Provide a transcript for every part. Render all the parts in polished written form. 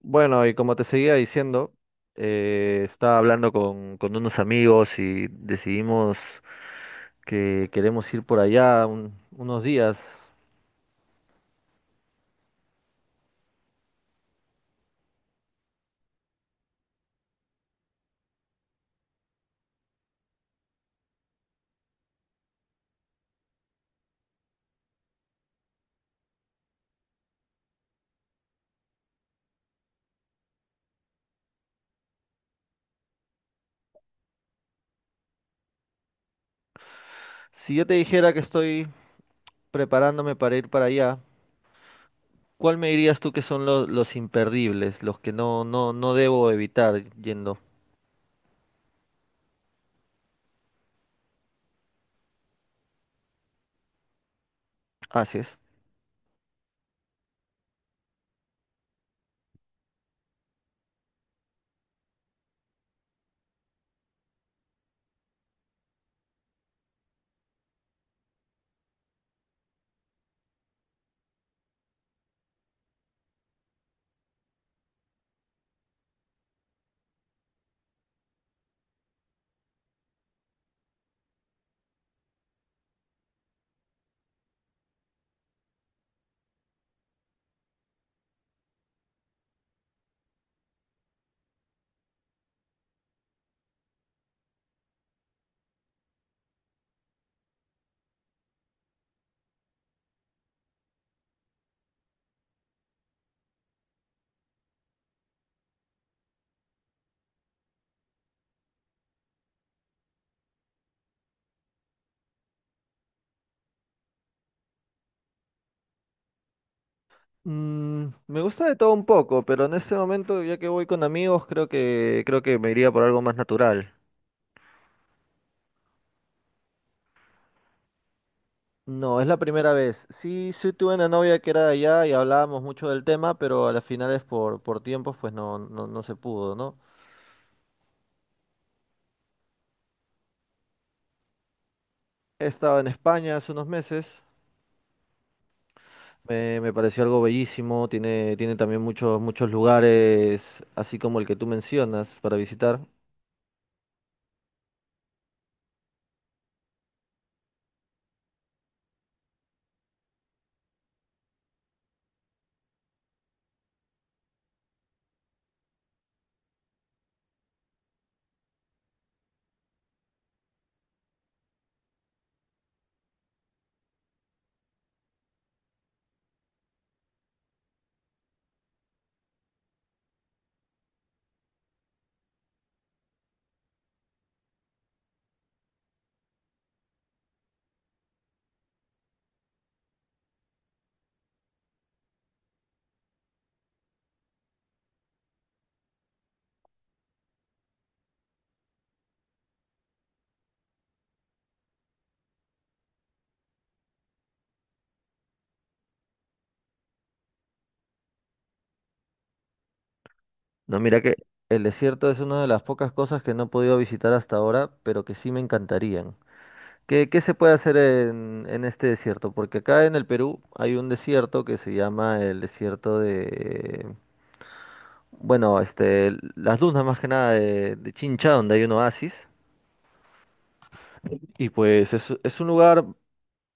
Bueno, y como te seguía diciendo, estaba hablando con unos amigos y decidimos que queremos ir por allá unos días. Si yo te dijera que estoy preparándome para ir para allá, ¿cuál me dirías tú que son los imperdibles, los que no debo evitar yendo? Así es. Me gusta de todo un poco, pero en este momento, ya que voy con amigos, creo que me iría por algo más natural. No, es la primera vez. Sí, sí tuve una novia que era de allá y hablábamos mucho del tema, pero a las finales por tiempos pues no se pudo, ¿no? He estado en España hace unos meses, me pareció algo bellísimo, tiene también muchos, muchos lugares, así como el que tú mencionas, para visitar. No, mira que el desierto es una de las pocas cosas que no he podido visitar hasta ahora, pero que sí me encantarían. ¿Qué se puede hacer en este desierto? Porque acá en el Perú hay un desierto que se llama el desierto de, bueno, este, las dunas más que nada de Chincha, donde hay un oasis. Y pues es un lugar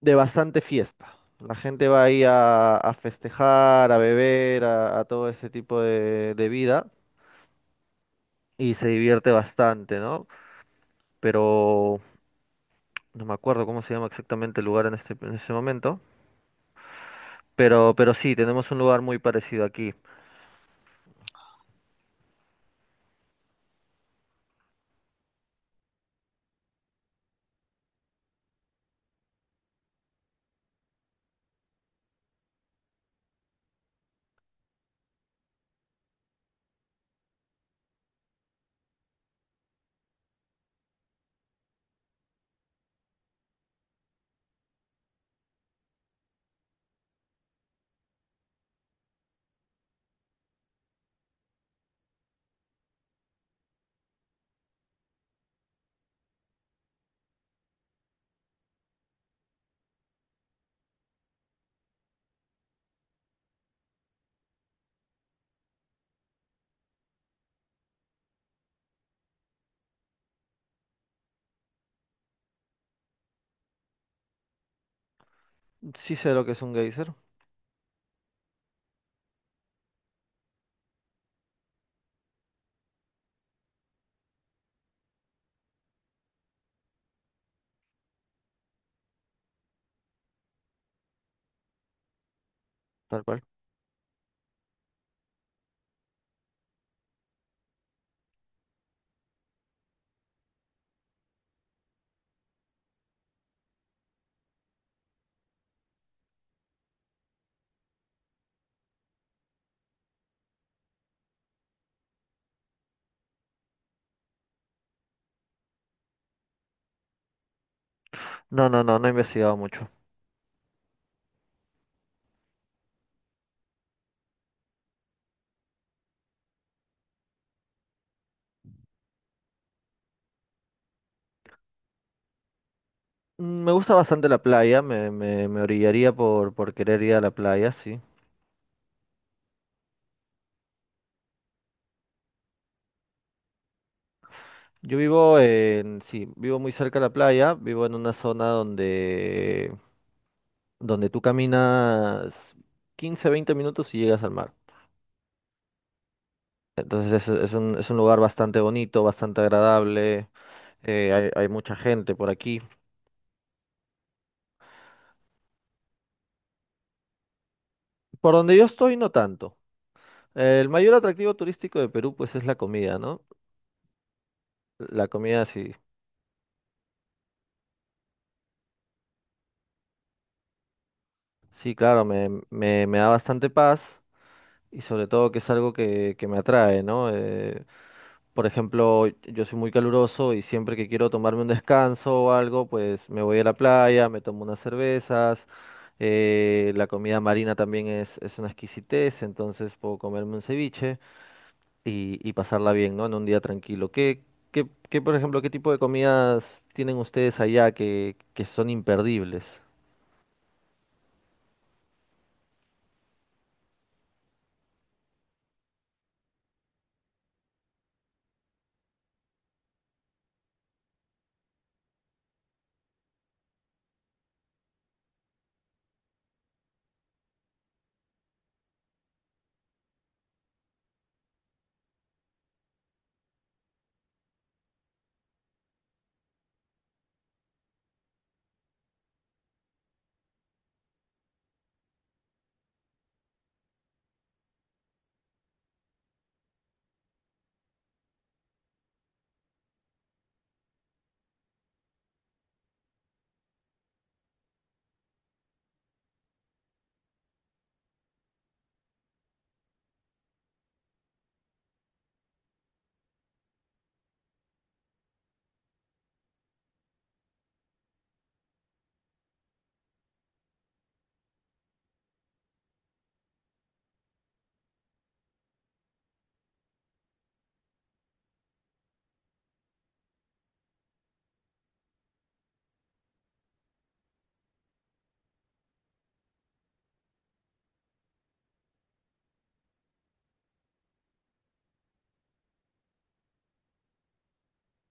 de bastante fiesta. La gente va ahí a festejar, a beber, a todo ese tipo de vida y se divierte bastante, ¿no? Pero no me acuerdo cómo se llama exactamente el lugar en ese momento. Pero sí, tenemos un lugar muy parecido aquí. Sí sé lo que es un geyser, tal cual. No he investigado mucho. Mm. Me gusta bastante la playa, me orillaría por querer ir a la playa, sí. Yo vivo en, sí, vivo muy cerca de la playa, vivo en una zona donde tú caminas 15, 20 minutos y llegas al mar. Entonces es un lugar bastante bonito, bastante agradable, hay mucha gente por aquí. Por donde yo estoy, no tanto. El mayor atractivo turístico de Perú, pues es la comida, ¿no? La comida, sí. Sí, claro, me da bastante paz y sobre todo que es algo que me atrae, ¿no? Por ejemplo, yo soy muy caluroso y siempre que quiero tomarme un descanso o algo, pues me voy a la playa, me tomo unas cervezas, la comida marina también es una exquisitez, entonces puedo comerme un ceviche y pasarla bien, ¿no? En un día tranquilo. ¿Qué, por ejemplo, qué tipo de comidas tienen ustedes allá que son imperdibles?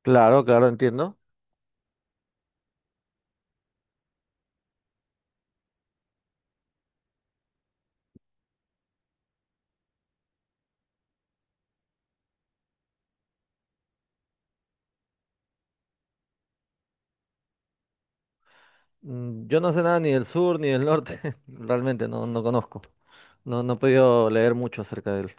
Claro, claro, entiendo. Mm. Yo no sé nada ni del sur ni del norte, realmente no conozco. No he podido leer mucho acerca de él.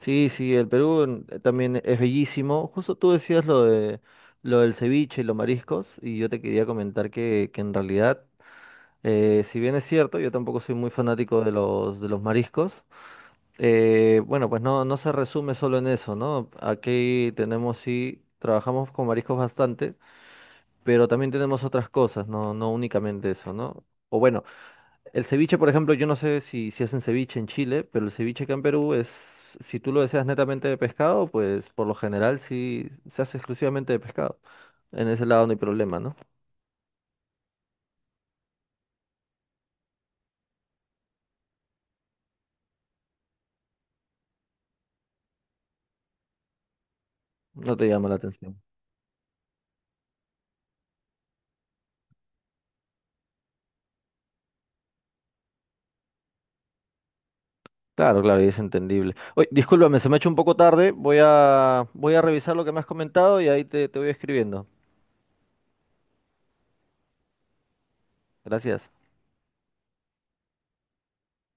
Sí, sí, el Perú, mm, también es bellísimo. Justo tú decías lo de lo del ceviche y los mariscos, y yo te quería comentar que en realidad, si bien es cierto, yo tampoco soy muy fanático de de los mariscos, bueno, pues no se resume solo en eso, ¿no? Aquí tenemos sí, trabajamos con mariscos bastante, pero también tenemos otras cosas, no únicamente eso, ¿no? O bueno. El ceviche, por ejemplo, yo no sé si hacen ceviche en Chile, pero el ceviche acá en Perú es, si tú lo deseas netamente de pescado, pues por lo general sí se hace exclusivamente de pescado. En ese lado no hay problema, ¿no? No te llama la atención. Claro, claro, y es entendible. Oye, discúlpame, se me ha hecho un poco tarde. Voy a revisar lo que me has comentado y ahí te voy escribiendo. Gracias.